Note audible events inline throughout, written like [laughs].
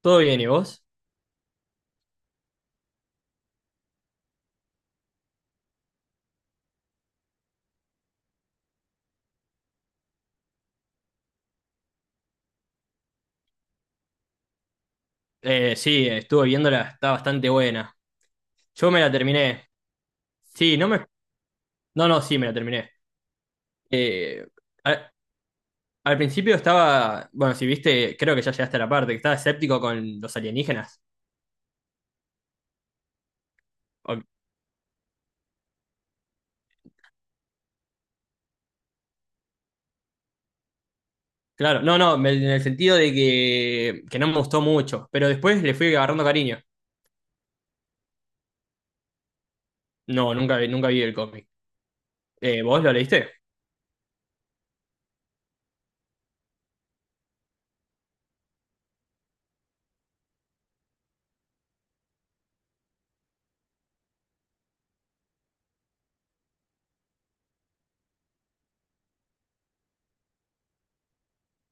¿Todo bien y vos? Sí, estuve viéndola, está bastante buena. Yo me la terminé. Sí, no me... No, no, sí, me la terminé. Eh, al, al principio estaba... Bueno, si viste, creo que ya llegaste a la parte, que estaba escéptico con los alienígenas. O- claro, no, no, en el sentido de que no me gustó mucho, pero después le fui agarrando cariño. No, nunca, nunca vi el cómic. ¿Vos lo leíste?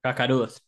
Cascarudos.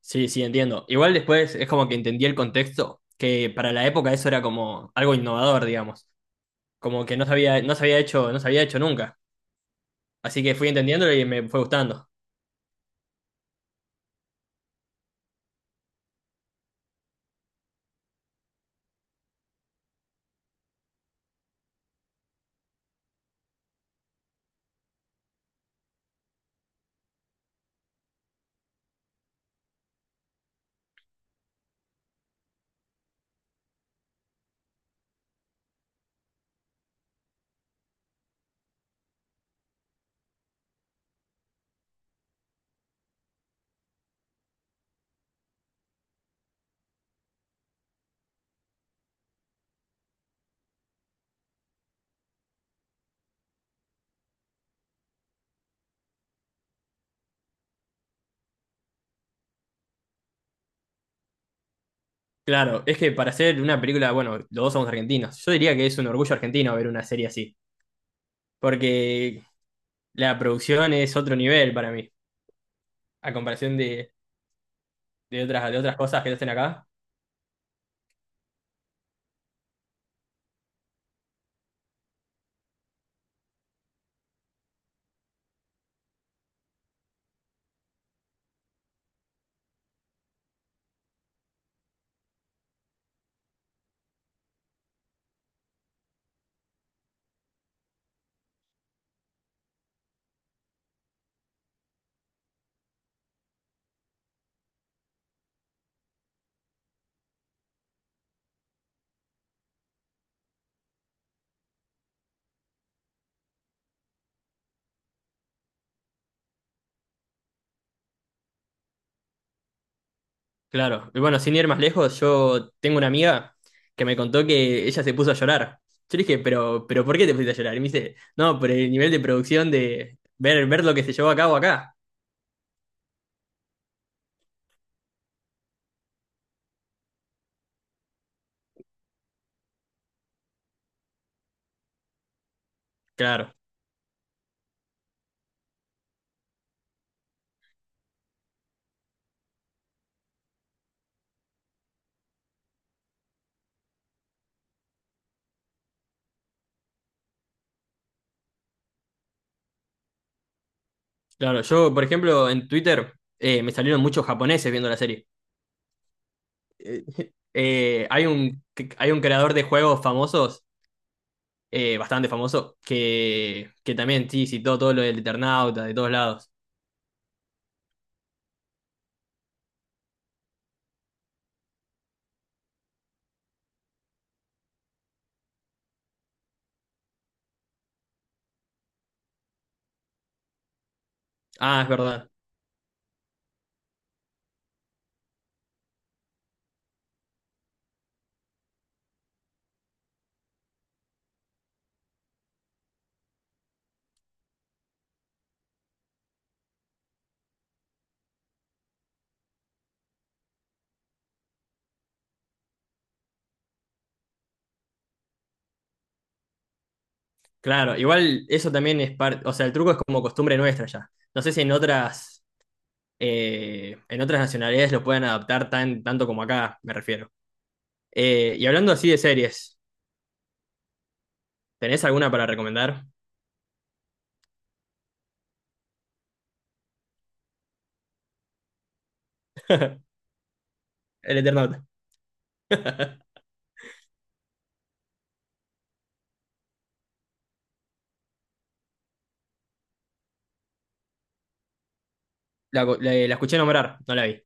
Sí, sí, entiendo. Igual después es como que entendí el contexto, que para la época eso era como algo innovador, digamos. Como que no se había, no se había hecho, no se había hecho nunca. Así que fui entendiéndolo y me fue gustando. Claro, es que para hacer una película, bueno, los dos somos argentinos. Yo diría que es un orgullo argentino ver una serie así, porque la producción es otro nivel para mí, a comparación de otras cosas que hacen acá. Claro, y bueno, sin ir más lejos, yo tengo una amiga que me contó que ella se puso a llorar. Yo le dije, pero ¿por qué te pusiste a llorar? Y me dice, no, por el nivel de producción de ver, ver lo que se llevó a cabo acá. Claro. Claro, yo, por ejemplo, en Twitter me salieron muchos japoneses viendo la serie. Eh, [laughs] eh, hay un, hay un creador de juegos famosos, bastante famoso, que también sí citó todo lo del Eternauta de todos lados. Ah, es verdad. Claro, igual eso también es parte, o sea, el truco es como costumbre nuestra ya. No sé si en otras, en otras nacionalidades lo pueden adaptar tan, tanto como acá, me refiero. Y hablando así de series, ¿tenés alguna para recomendar? El Eternauta. La, la la escuché nombrar, no la vi.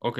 Ok,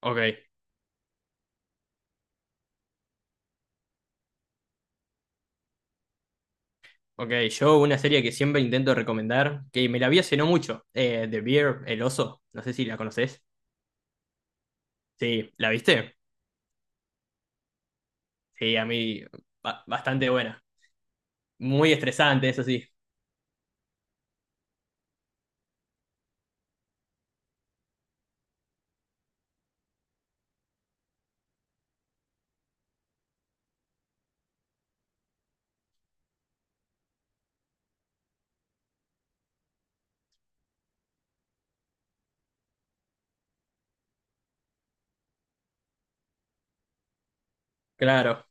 ok, ok. Yo una serie que siempre intento recomendar, que me la vi hace no mucho, The Bear, El Oso, no sé si la conoces. Sí, ¿la viste? Sí, a mí bastante buena. Muy estresante, eso sí, claro.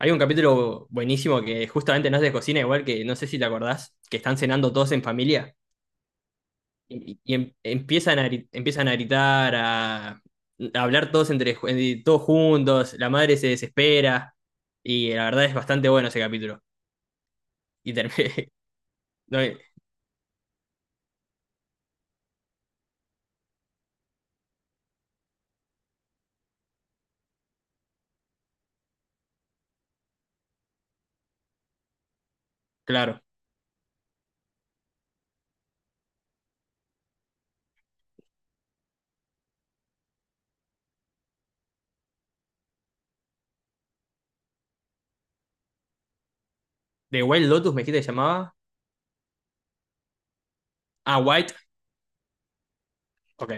Hay un capítulo buenísimo que justamente no es de cocina, igual que no sé si te acordás, que están cenando todos en familia y, empiezan a, empiezan a gritar, a hablar todos, entre, todos juntos, la madre se desespera y la verdad es bastante bueno ese capítulo. Y terminé. [laughs] no, claro. ¿De White Lotus me dijiste que se llamaba? Ah, White. Ok,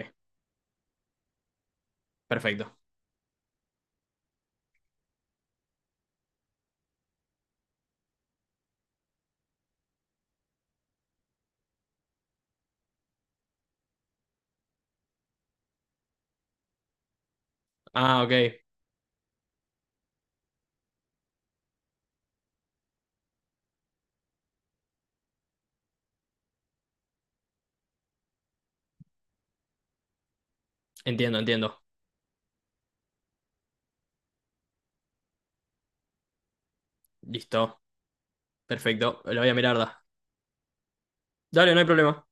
perfecto. Ah, ok. Entiendo, entiendo. Listo. Perfecto. Lo voy a mirar. Da. Dale, no hay problema.